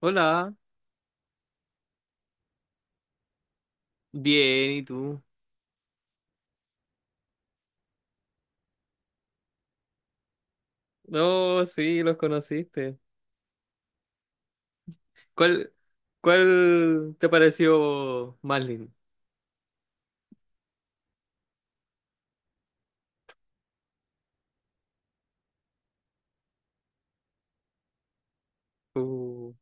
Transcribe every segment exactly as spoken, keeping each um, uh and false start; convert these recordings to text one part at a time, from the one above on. Hola, bien, ¿y tú? No, sí, los conociste. ¿Cuál, cuál te pareció más lindo? Uh,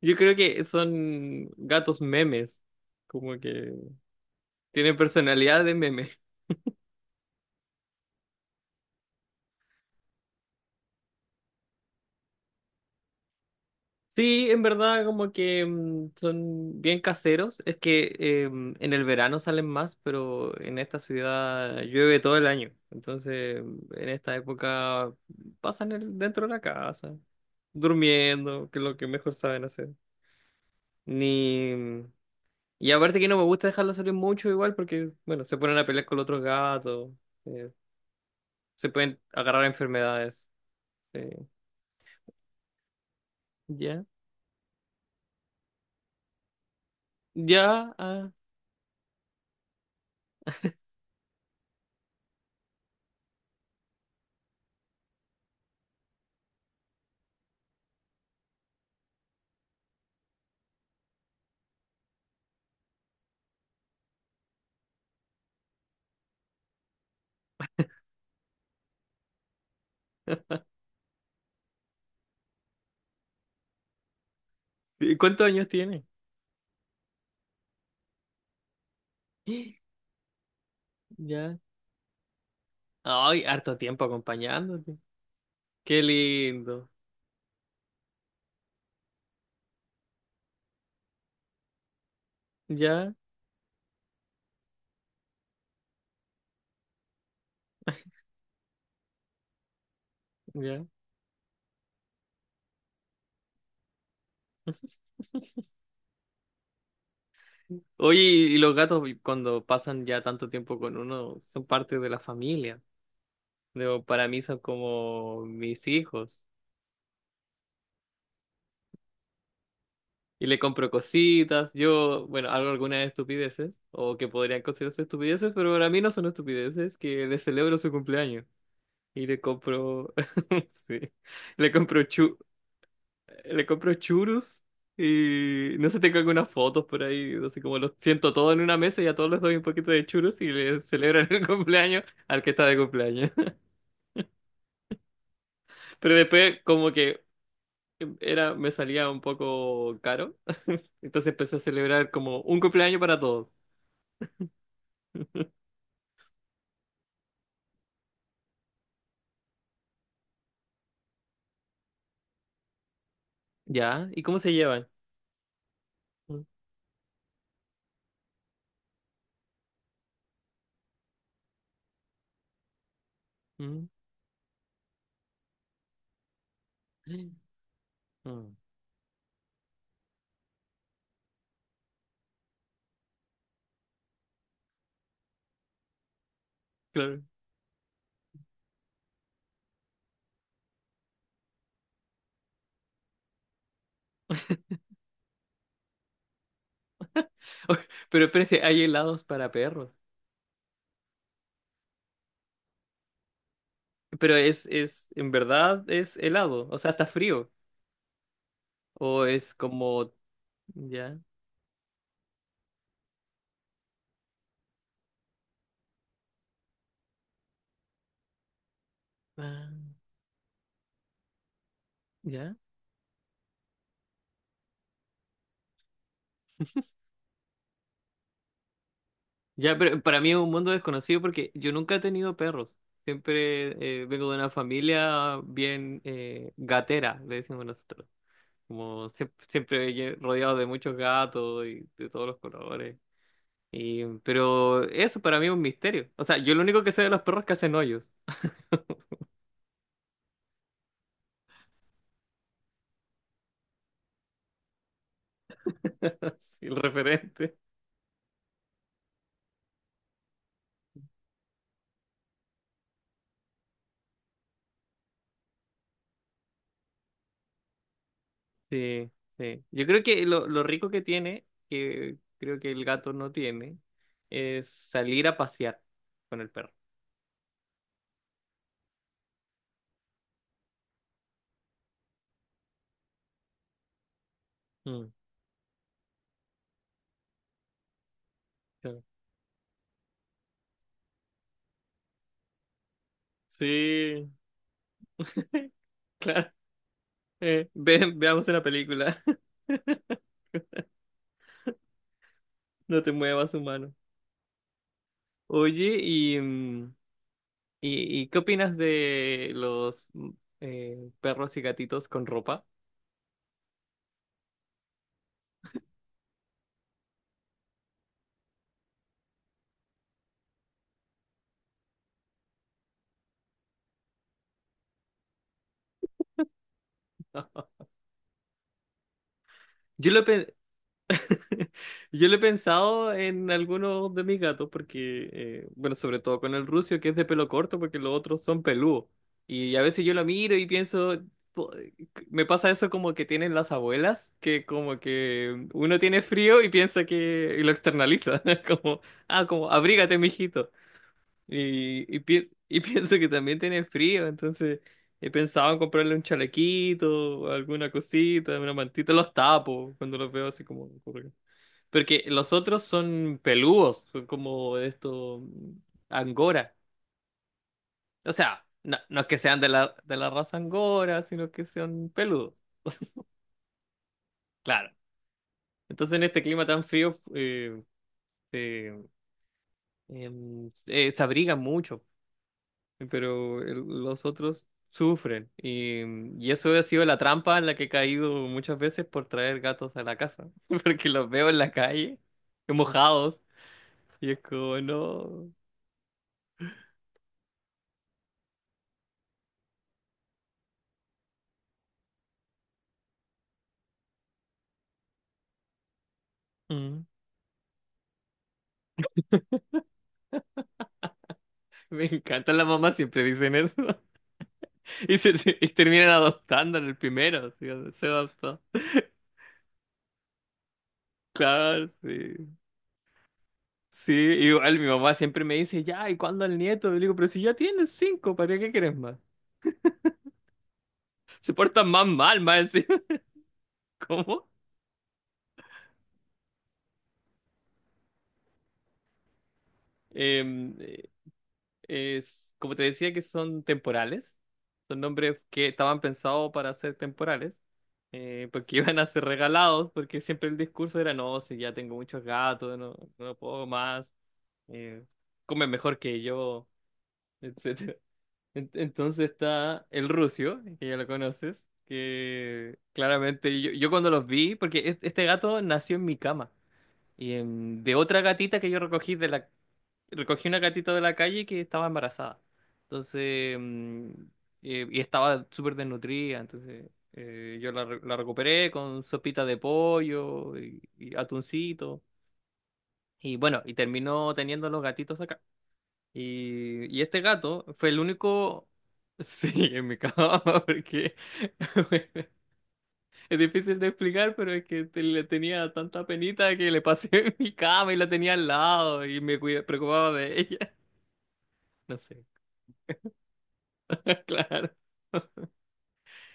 yo creo que son gatos memes, como que tienen personalidad de meme. Sí, en verdad como que mm, son bien caseros. Es que eh, en el verano salen más, pero en esta ciudad llueve todo el año. Entonces, en esta época pasan el- dentro de la casa, durmiendo, que es lo que mejor saben hacer. Ni... mm, Y aparte que no me gusta dejarlos salir mucho igual porque, bueno, se ponen a pelear con los otros gatos, eh, se pueden agarrar enfermedades. eh, ¿Ya? ¿Ya? Ah, ¿cuántos años tiene? ¿Ya? Ay, harto tiempo acompañándote. Qué lindo. Ya, ya. Oye, y los gatos cuando pasan ya tanto tiempo con uno son parte de la familia. Digo, para mí son como mis hijos. Y le compro cositas. Yo, bueno, hago algunas estupideces o que podrían considerarse estupideces, pero para mí no son estupideces, que le celebro su cumpleaños. Y le compro, sí, le compro chu- le compro churros y no sé, tengo algunas fotos por ahí, no sé, como los siento todos en una mesa y a todos les doy un poquito de churros y le celebran el cumpleaños al que está de cumpleaños. Pero después como que era, me salía un poco caro, entonces empecé a celebrar como un cumpleaños para todos. ¿Ya? ¿Y cómo se llevan? Mm, mm, mm. Claro. Pero espérate, hay helados para perros. Pero es, es, en verdad es helado, o sea, está frío. O es como, ¿ya? Ah, ya. Ya, pero para mí es un mundo desconocido porque yo nunca he tenido perros. Siempre eh, vengo de una familia bien eh, gatera, le decimos nosotros. Como sie- siempre, lle- rodeado de muchos gatos y de todos los colores. Y, pero eso para mí es un misterio. O sea, yo lo único que sé de los perros es que hacen hoyos. Sí, el referente. Sí, sí. Yo creo que lo, lo rico que tiene, que creo que el gato no tiene, es salir a pasear con el perro. Claro. Sí. Eh, ve- veamos la película. No te muevas, humano. Oye, y, mm, y, y ¿qué opinas de los mm, eh, perros y gatitos con ropa? Yo lo, pe- Yo lo he pensado en algunos de mis gatos, porque, eh, bueno, sobre todo con el rucio, que es de pelo corto, porque los otros son peludos. Y a veces yo lo miro y pienso, po- me pasa eso como que tienen las abuelas, que como que uno tiene frío y piensa que, y lo externaliza, como, ah, como, abrígate, mijito. Y, y, pie- y pienso que también tienen frío, entonces he pensado en comprarle un chalequito, alguna cosita, una mantita, los tapo cuando los veo así como... Porque los otros son peludos, son como esto angora. O sea, no, no es que sean de la, de la, raza angora, sino que sean peludos, claro. Entonces en este clima tan frío eh, se, em, eh, se abrigan mucho, pero el- los otros sufren. Y, em, y eso ha sido la trampa en la que he caído muchas veces por traer gatos a la casa, porque los veo en la calle, mojados, y es como, no. Me encanta, las mamás siempre dicen eso. Y, se, y terminan adoptando en el primero, sí, se adoptó. Claro, sí. Sí, igual mi mamá siempre me dice, ya, ¿y cuándo el nieto? Y le digo, pero si ya tienes cinco, ¿para qué quieres más? Se portan más mal, más encima. ¿Cómo? Em, eh, es, Como te decía que son temporales, son nombres que estaban pensados para ser temporales, eh, porque iban a ser regalados, porque siempre el discurso era, no, si ya tengo muchos gatos, no, no puedo más. eh, Come mejor que yo, etcétera. En- Entonces está el Rusio, que ya lo conoces, que claramente yo, yo cuando los vi, porque es- este gato nació en mi cama, y en- de otra gatita que yo recogí de la, recogí una gatita de la calle que estaba embarazada. Entonces, mm, eh, y estaba súper desnutrida, entonces eh, yo la, re- la recuperé con sopita de pollo y, y atuncito. Y bueno, y terminó teniendo los gatitos y, y este gato fue el único... Sí, en mi cama, porque es difícil de explicar, pero es que te- le tenía tanta penita que le pasé en mi cama y la tenía al lado y me cuida- preocupaba de ella. No sé, claro.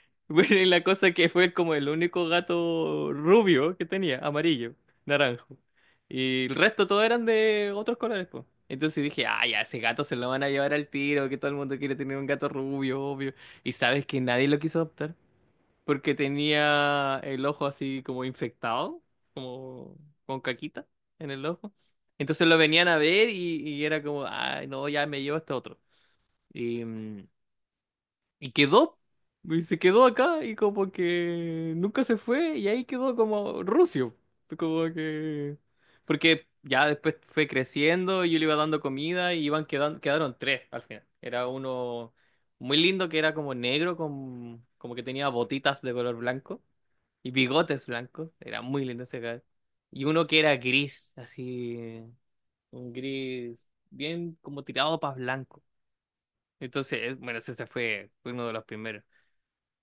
Bueno, y la cosa que fue como el único gato rubio que tenía, amarillo, naranjo. Y el resto todos eran de otros colores, pues. Entonces dije, ah, ya, ese gato se lo van a llevar al tiro, que todo el mundo quiere tener un gato rubio, obvio. Y sabes que nadie lo quiso adoptar, porque tenía el ojo así como infectado, como con caquita en el ojo. Entonces lo venían a ver y, y era como, ah, no, ya me llevo este otro. Y, mm, y quedó, y se quedó acá y como que nunca se fue y ahí quedó como rucio. Como que... Porque ya después fue creciendo y yo le iba dando comida y iban quedando, quedaron tres al final. Era uno muy lindo que era como negro, con, como que tenía botitas de color blanco y bigotes blancos. Era muy lindo ese gato. Y uno que era gris, así, un gris bien como tirado para blanco. Entonces, eh, bueno, ese se fue, fue uno de los primeros.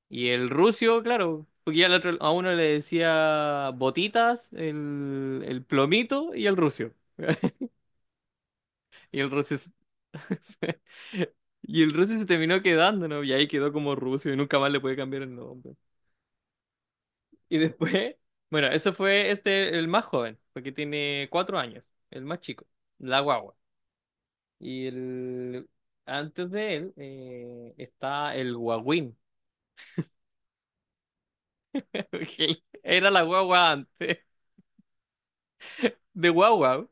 Y el rucio, claro, porque ya al otro- a uno le decía botitas, el, el plomito y el rucio. Y el rucio se- y el rucio se terminó quedando, ¿no? Y ahí quedó como rucio y nunca más le puede cambiar el nombre. Y después, bueno, eso fue este, el más joven, porque tiene cuatro años, el más chico, la guagua. Y el, Antes de él eh, está el guagüín, que era la guagua antes, de guagua.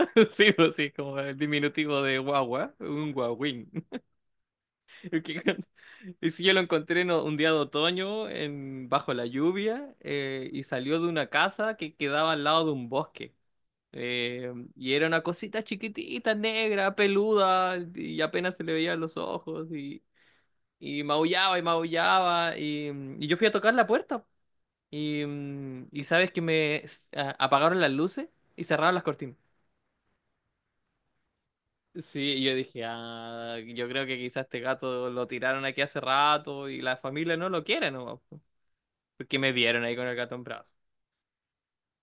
Sí, pues sí, como el diminutivo de guagua, un guagüín. Es Que- con- Y si yo lo encontré en o- un día de otoño en, bajo la lluvia eh, y salió de una casa que quedaba al lado de un bosque. Eh, y era una cosita chiquitita, negra, peluda, y apenas se le veían los ojos y, y, maullaba y maullaba. Y, mm, y yo fui a tocar la puerta y, mm, y sabes que me s- a- apagaron las luces y cerraron las cortinas. Sí, yo dije, ah, yo creo que quizás este gato lo tiraron aquí hace rato y la familia no lo quiere, ¿no? Porque me vieron ahí con el gato en brazos.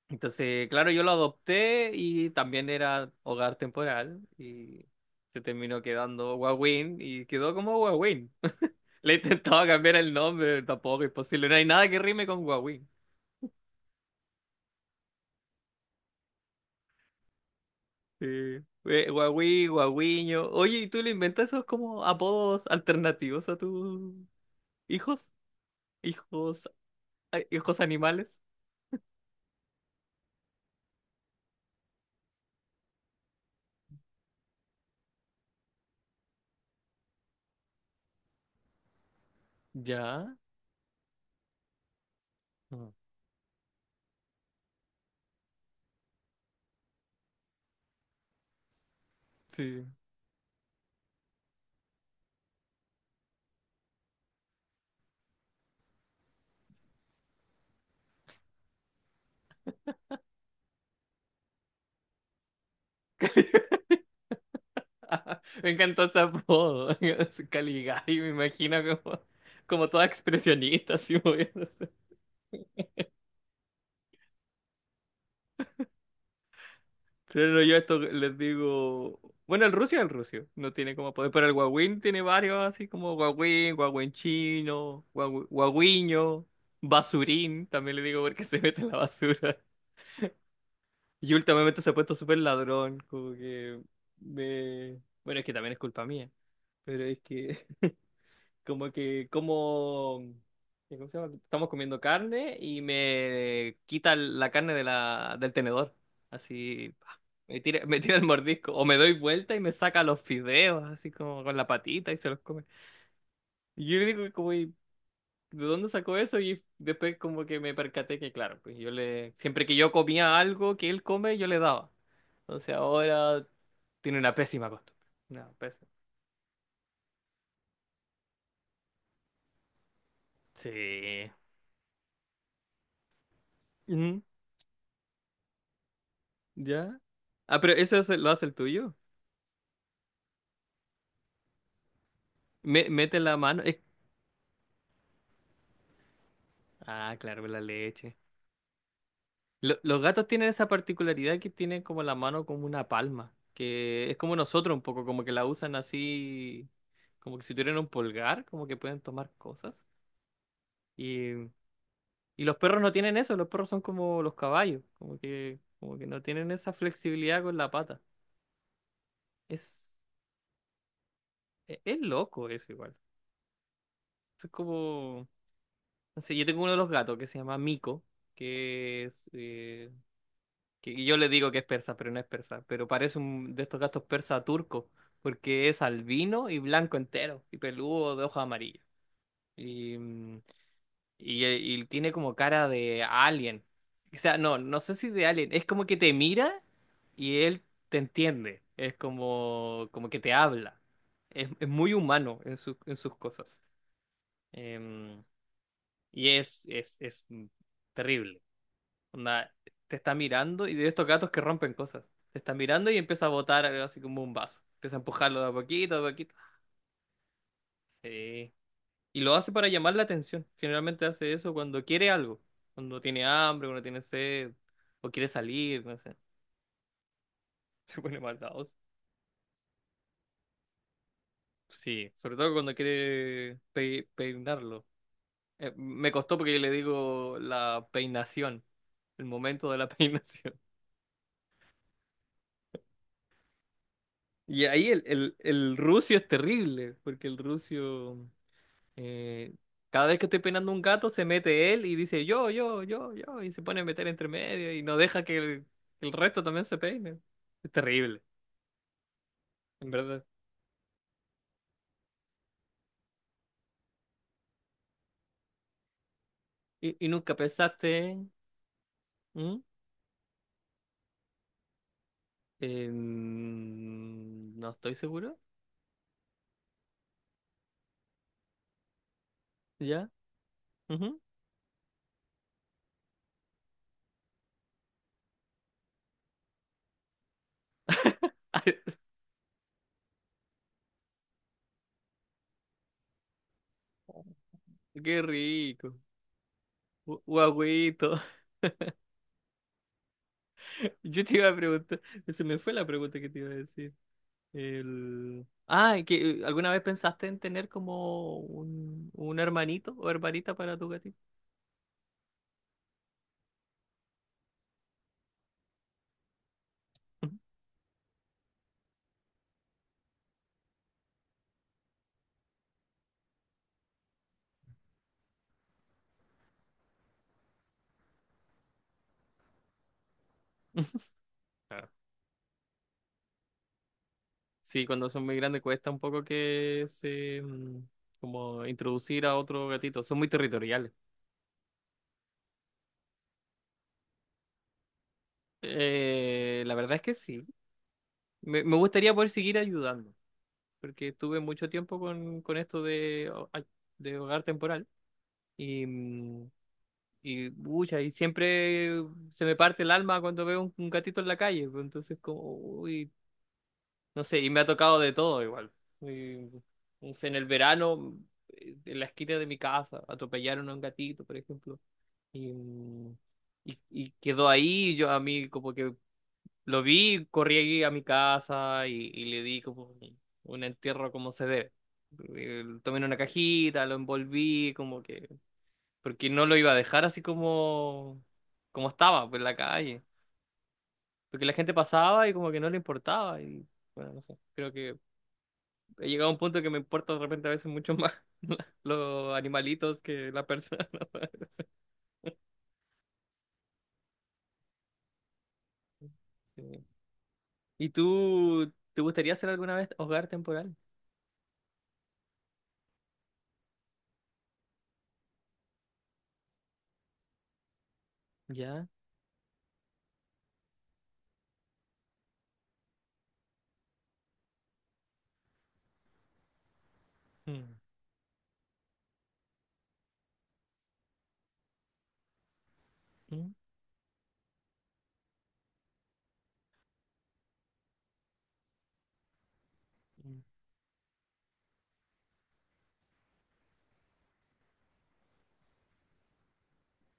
Entonces, claro, yo lo adopté y también era hogar temporal y se terminó quedando Wawin y quedó como Wawin. Le intentaba cambiar el nombre, tampoco es posible, no hay nada que rime con Wawin. Sí. Eh, Wawi, Wawiño. Oye, ¿y tú le inventas esos como apodos alternativos a tus hijos? Hijos. Ay, ojos animales. Ya. Ah, sí. Cali- Me encantó ese apodo. Caligari, me imagino como, como toda expresionista, así moviéndose. Pero no, yo esto les digo. Bueno, el rucio es el rucio. No tiene como poder. Pero el guagüín tiene varios, así como guagüín, guagüín chino, guagü- guagüiño, basurín. También le digo porque se mete en la basura. Y últimamente se ha puesto súper ladrón, como que me... Bueno, es que también es culpa mía, pero es que como que como... eh, ¿Cómo se llama? Estamos comiendo carne y me quita la carne de la, del tenedor. Así, pa, me tira, me tira el mordisco. O me doy vuelta y me saca los fideos, así como con la patita y se los come. Y yo le digo como, de dónde sacó eso y después como que me percaté que, claro, pues yo le, siempre que yo comía algo que él come, yo le daba. Entonces ahora tiene una pésima costumbre. Una pésima. Sí. Ujú. ¿Ya? Ah, pero eso hace- lo hace el tuyo. Me- mete la mano. eh, Ah, claro, la leche. Lo- los gatos tienen esa particularidad que tienen como la mano como una palma, que es como nosotros un poco, como que la usan así, como que si tuvieran un pulgar, como que pueden tomar cosas. y Y los perros no tienen eso, los perros son como los caballos, como que, como que, no tienen esa flexibilidad con la pata. Es, e- es, loco eso igual. Es como, no sé, yo tengo uno de los gatos que se llama Mico, que es, eh, que yo le digo que es persa, pero no es persa, pero parece un de estos gatos persa turco, porque es albino y blanco entero, y peludo de hoja amarilla. Y, mm, Y, eh, y tiene como cara de alien. O sea, no, no sé si de alien. Es como que te mira y él te entiende. Es como, como que te habla. Es, es muy humano en sus- en sus cosas. Em, y es, es, es terrible. Onda, te está mirando y de estos gatos que rompen cosas. Te está mirando y empieza a botar algo así como un vaso. Empieza a empujarlo de a poquito, de a poquito. Sí. Y lo hace para llamar la atención. Generalmente hace eso cuando quiere algo. Cuando tiene hambre, cuando tiene sed, o quiere salir, no sé. Se pone maldadoso. Sí, sobre todo cuando quiere pe- peinarlo. Eh, me costó porque yo le digo la peinación, el momento de la peinación. Y ahí el, el, el rucio es terrible, porque el rucio Eh, cada vez que estoy peinando un gato, se mete él y dice yo, yo, yo, yo, y se pone a meter entre medio y no deja que el, que el resto también se peine. Es terrible, en verdad. ¿Y, y nunca pensaste? ¿Mm? En- no estoy seguro. ¿Ya? Ujú. Qué rico. Gu- Guagüito. Yo te iba a preguntar, se me fue la pregunta que te iba a decir. El... Ah, ¿y que eh, alguna vez pensaste en tener como un, un hermanito o hermanita para tu gatito? Sí, cuando son muy grandes cuesta un poco que se mm, como introducir a otro gatito. Son muy territoriales. Eh, la verdad es que sí. Me, me gustaría poder seguir ayudando, porque estuve mucho tiempo con, con esto de, ho- ay, de hogar temporal y, mm, y, pucha, y siempre se me parte el alma cuando veo un, un gatito en la calle, pues, entonces como, uy, no sé, y me ha tocado de todo igual. Y, no sé, en el verano, eh, en la esquina de mi casa, atropellaron a un gatito, por ejemplo. Y, mm, y, y quedó ahí, yo a mí como que lo vi, corrí a mi casa y, y le di como un un entierro como se debe. Eh, Lo tomé en una cajita, lo envolví, como que... Porque no lo iba a dejar así como, como estaba, pues, en la calle. Porque la gente pasaba y como que no le importaba. Y bueno, no sé, creo que he llegado a un punto que me importa de repente a veces mucho más los animalitos que las personas, ¿sabes? Sí. ¿Y tú, te gustaría hacer alguna vez hogar temporal? Ya. Mm, mm, mm,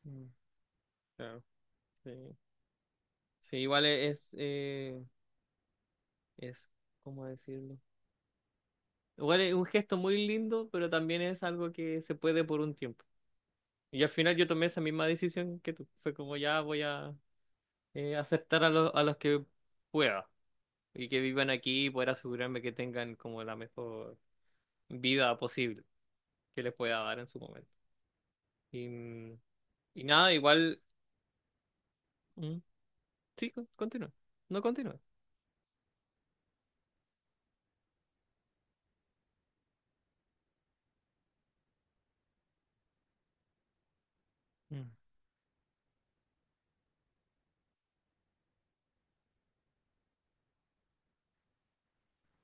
mm. Claro. Sí. Sí, igual e, es, eh, es, ¿cómo decirlo? Igual es un gesto muy lindo, pero también es algo que se puede por un tiempo. Y al final yo tomé esa misma decisión que tú. Fue como ya voy a eh, aceptar a, los a los que pueda, y que vivan aquí y poder asegurarme que tengan como la mejor vida posible que les pueda dar en su momento. Y, mm, y nada, igual, mm, sí, con- continúa, no continúa. Mm.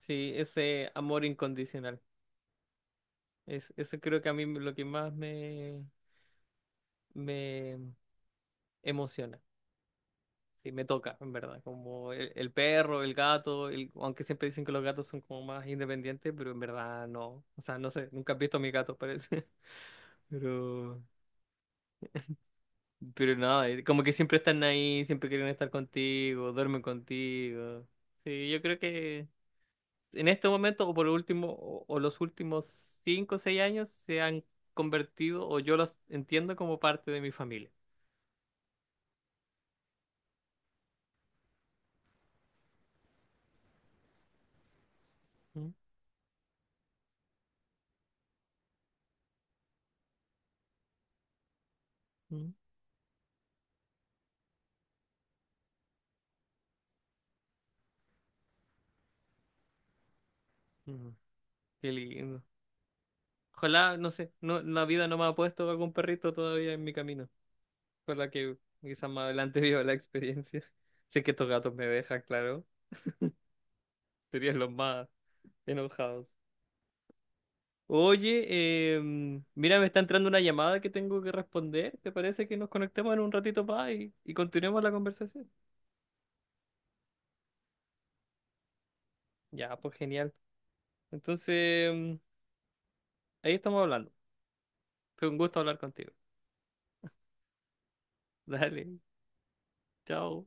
Sí, ese amor incondicional. Es, eso creo que a mí me- lo que más me, me emociona. Sí, me toca, en verdad. Como el, el perro, el gato, el- aunque siempre dicen que los gatos son como más independientes, pero en verdad no. O sea, no sé, nunca he visto a mi gato, parece. Pero Pero no, eh, como que siempre están ahí, siempre quieren estar contigo, duermen contigo. Sí, yo creo que en este momento, o por último, o, o los últimos cinco o seis años, se han convertido, o yo los entiendo como parte de mi familia. Mm, mm, mm. Qué lindo. Ojalá, no sé, no, la vida no me ha puesto algún perrito todavía en mi camino. Ojalá que quizás más adelante viva la experiencia. Sé que estos gatos me dejan, claro. Serían los más enojados. Oye, em, mira, me está entrando una llamada que tengo que responder. ¿Te parece que nos conectemos en un ratito más y, y continuemos la conversación? Ya, pues genial. Entonces, em, ahí estamos hablando. Fue un gusto hablar contigo. Dale, chao.